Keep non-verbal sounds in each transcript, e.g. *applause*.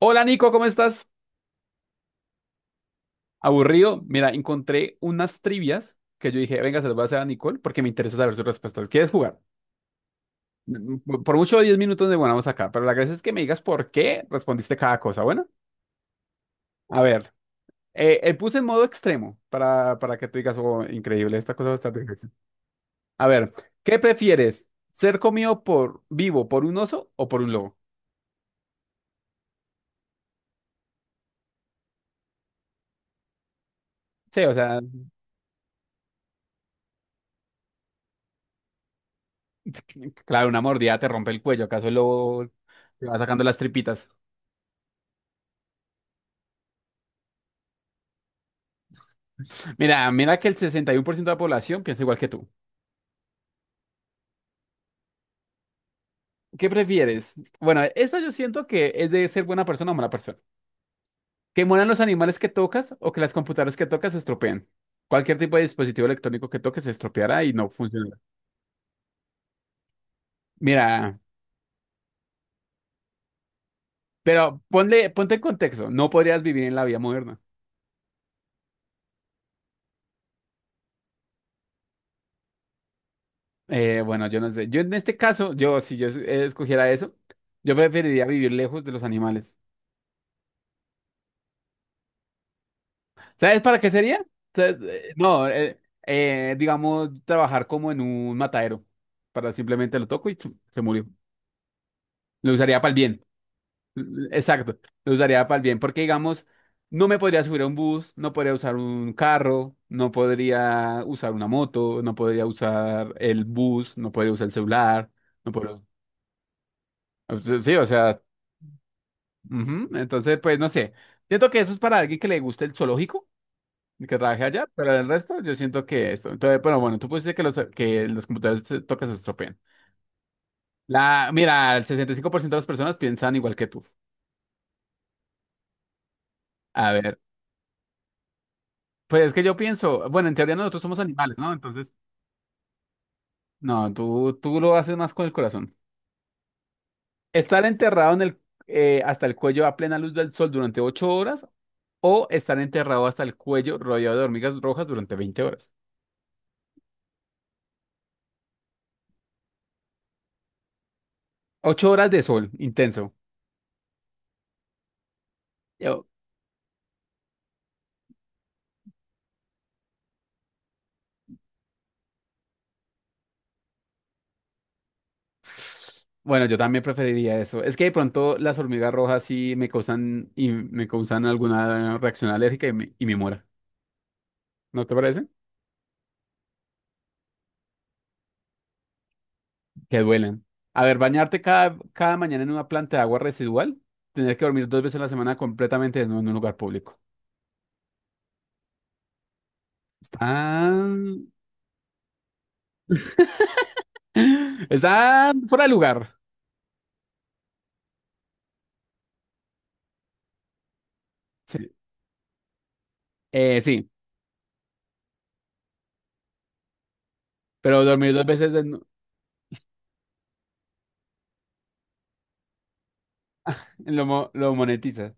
Hola Nico, ¿cómo estás? Aburrido. Mira, encontré unas trivias que yo dije, venga, se las voy a hacer a Nicole porque me interesa saber sus respuestas. ¿Quieres jugar? Por mucho 10 minutos de vamos acá, pero la gracia es que me digas por qué respondiste cada cosa. Bueno, a ver, puse en modo extremo para que tú digas, oh, increíble, esta cosa va a estar difícil. A ver, ¿qué prefieres? ¿Ser comido por vivo por un oso o por un lobo? Sí, o sea, claro, una mordida te rompe el cuello. ¿Acaso el lobo te va sacando las tripitas? Mira, mira que el 61% de la población piensa igual que tú. ¿Qué prefieres? Bueno, esta yo siento que es de ser buena persona o mala persona. ¿Que mueran los animales que tocas o que las computadoras que tocas se estropeen? Cualquier tipo de dispositivo electrónico que toques se estropeará y no funcionará. Mira, pero ponte en contexto. No podrías vivir en la vida moderna. Bueno, yo no sé. Yo en este caso, yo si escogiera eso, yo preferiría vivir lejos de los animales. ¿Sabes para qué sería? Sa- No, Digamos, trabajar como en un matadero. Para simplemente lo toco y chu, se murió. Lo usaría para el bien. Exacto. Lo usaría para el bien. Porque, digamos, no me podría subir a un bus, no podría usar un carro, no podría usar una moto, no podría usar el bus, no podría usar el celular, no podría. Sí, o sea, ujú. Entonces, pues no sé. Siento que eso es para alguien que le guste el zoológico, que trabajé allá, pero el resto yo siento que esto. Entonces, bueno, bueno, tú pusiste que los computadores te tocan se estropean. Mira, el 65% de las personas piensan igual que tú. A ver, pues es que yo pienso, bueno, en teoría nosotros somos animales, ¿no? Entonces, no, tú lo haces más con el corazón. Estar enterrado hasta el cuello a plena luz del sol durante 8 horas, o estar enterrado hasta el cuello rodeado de hormigas rojas durante veinte horas. 8 horas de sol intenso. Bueno, yo también preferiría eso. Es que de pronto las hormigas rojas sí me causan alguna reacción alérgica y me muera. ¿No te parece? Que duelen. A ver, bañarte cada mañana en una planta de agua residual, tener que dormir dos veces a la semana completamente en un lugar público. Están, *gasps* *laughs* están fuera de lugar. Sí, sí, pero dormir dos veces en lo monetiza.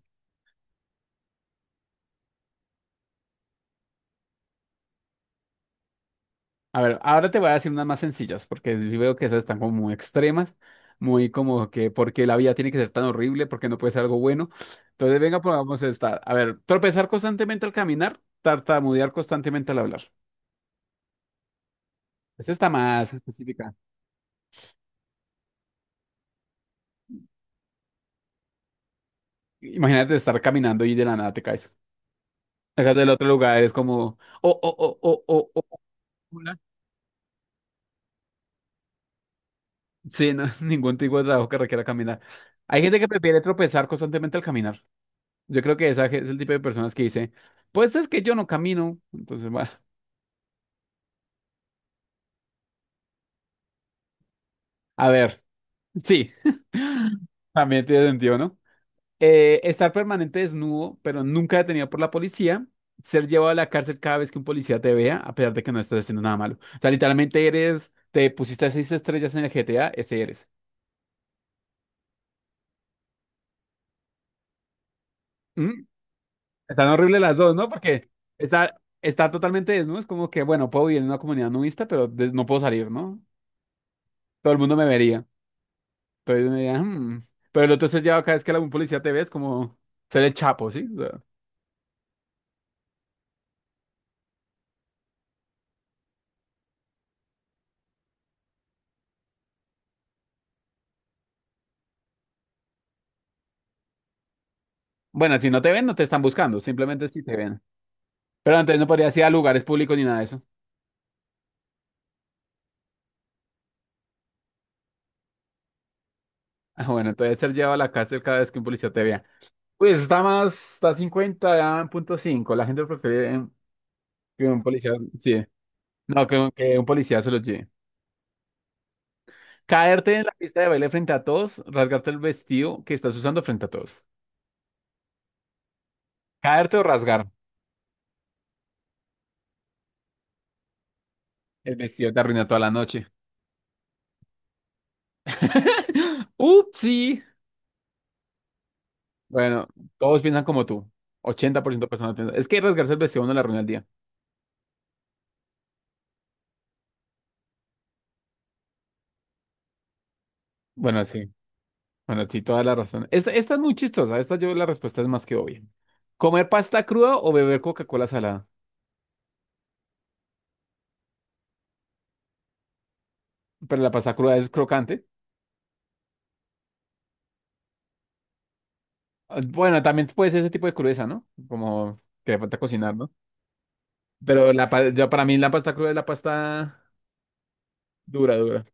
A ver, ahora te voy a decir unas más sencillas, porque sí veo que esas están como muy extremas, muy como que porque la vida tiene que ser tan horrible, porque no puede ser algo bueno. Entonces, venga, probamos esta. A ver, tropezar constantemente al caminar, tartamudear constantemente al hablar. Esta está más específica. Imagínate estar caminando y de la nada te caes. Acá del otro lugar es como, oh, oh, oh, oh, oh, oh, oh, hola. Sí, no, *laughs* ningún tipo de trabajo que requiera caminar. Hay gente que prefiere tropezar constantemente al caminar. Yo creo que esa es el tipo de personas que dice, pues es que yo no camino. Entonces, bueno, *laughs* a ver, sí, *laughs* también tiene sentido, ¿no? Estar permanente desnudo, pero nunca detenido por la policía. Ser llevado a la cárcel cada vez que un policía te vea, a pesar de que no estás haciendo nada malo. O sea, literalmente eres, te pusiste seis estrellas en el GTA, ese eres. ¿Mm? Están horribles las dos, ¿no? Porque está totalmente desnudo, es como que, bueno, puedo vivir en una comunidad nudista, pero no puedo salir, ¿no? Todo el mundo me vería. Entonces, uno diría, "Hmm". Pero entonces ya cada vez que algún policía te ve es como ser el chapo, ¿sí? O sea, bueno, si no te ven, no te están buscando, simplemente si te ven. Pero entonces no podrías ir a lugares públicos ni nada de eso. *laughs* Ah, bueno, entonces ser llevado a la cárcel cada vez que un policía te vea. Pues está más, está cincuenta ya en punto cinco. La gente prefiere que un policía, sí. No, que un policía se los lleve. Caerte en la pista de baile frente a todos, rasgarte el vestido que estás usando frente a todos. Caerte o rasgar. El vestido te arruinó toda la noche. *laughs* Upsi. Bueno, todos piensan como tú. 80% de personas piensan. Es que rasgarse el vestido no le arruina el día. Bueno, sí. Bueno, sí, toda la razón. Esta es muy chistosa. Esta yo la respuesta es más que obvia. ¿Comer pasta cruda o beber Coca-Cola salada? Pero la pasta cruda es crocante. Ah, bueno, también puede ser ese tipo de crudeza, ¿no? Como que le falta cocinar, ¿no? Pero ya para mí la pasta cruda es la pasta dura, dura.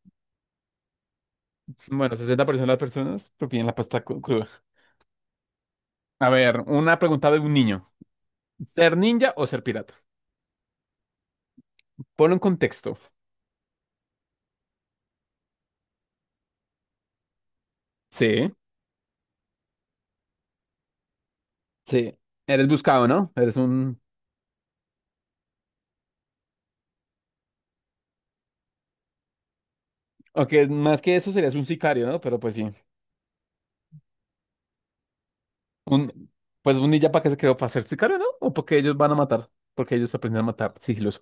Bueno, sesenta por ciento de las personas prefieren la cruda. A ver, una pregunta de un niño. ¿Ser ninja o ser pirata? Ponlo en contexto. Sí. Sí, eres buscado, ¿no? Eres un... Aunque más que eso serías un sicario, ¿no? Pero pues sí. Un... Pues un ninja para qué se creó, para ser sicario, ¿no? O porque ellos van a matar. Porque ellos aprenden a matar sigiloso.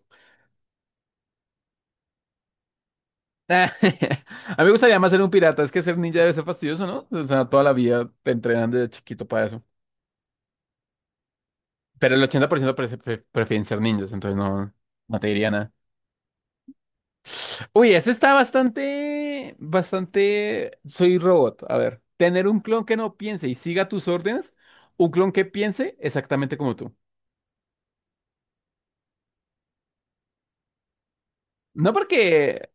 *laughs* A mí me gustaría más ser un pirata. Es que ser ninja debe ser fastidioso, ¿no? O sea, toda la vida te entrenan desde chiquito para eso. Pero el 80% prefieren ser ninjas, entonces no, no te diría. Uy, ese está bastante, bastante. Soy robot. A ver, tener un clon que no piense y siga tus órdenes, un clon que piense exactamente como tú. No porque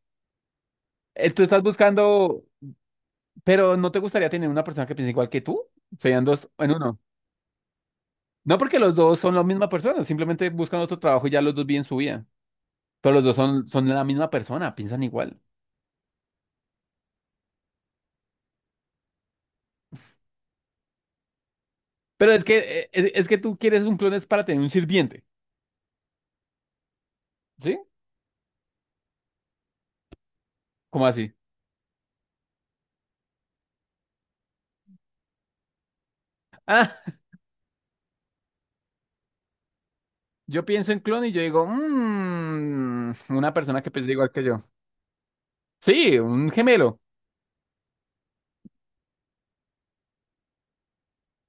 tú estás buscando, pero ¿no te gustaría tener una persona que piense igual que tú? Serían dos en uno. No porque los dos son la misma persona, simplemente buscan otro trabajo y ya los dos viven su vida. Pero los dos son la misma persona, piensan igual. Pero es que, es que tú quieres un clon es para tener un sirviente, ¿sí? ¿Cómo así? *laughs* Yo pienso en clon y yo digo, "Mm, una persona que piensa igual que yo". Sí, un gemelo.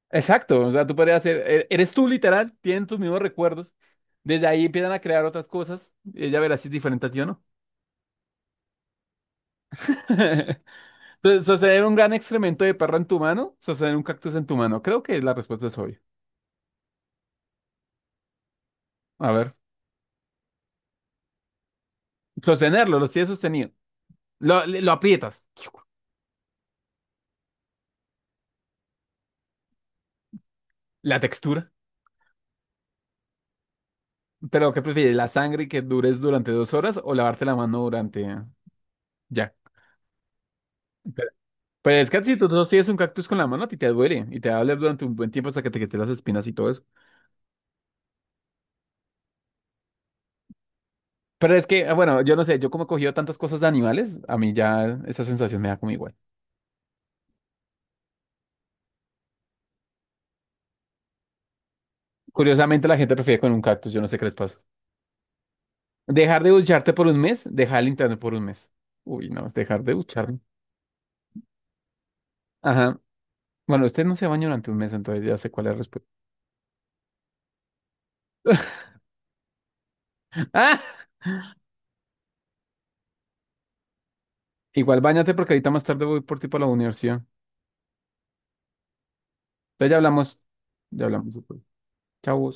Exacto. O sea, tú podrías ser, eres tú literal, tienen tus mismos recuerdos. Desde ahí empiezan a crear otras cosas, y ella verá si es diferente a ti o no. *laughs* Entonces, sostener un gran excremento de perro en tu mano, sostener un cactus en tu mano. Creo que la respuesta es obvia. A ver, sostenerlo, lo tienes sostenido. Lo aprietas. La textura. Pero, ¿qué prefieres? ¿La sangre que dures durante dos horas o lavarte la mano durante... Ya. Pero es que si tú sostienes un cactus con la mano, a ti te duele y te va a doler durante un buen tiempo hasta que te quiten las espinas y todo eso. Pero es que, ah, bueno, yo no sé, yo como he cogido tantas cosas de animales, a mí ya esa sensación me da como igual. Curiosamente, la gente prefiere con un cactus, yo no sé qué les pasa. Dejar de ducharte por un mes, dejar el internet por un mes. Uy, no, dejar de ducharme. Ajá. Bueno, usted no se baña durante un mes, entonces ya sé cuál es la respuesta. *laughs* ¡Ah! Igual bañate porque ahorita más tarde voy por ti para la universidad. Entonces ya hablamos. Ya hablamos después. Chau.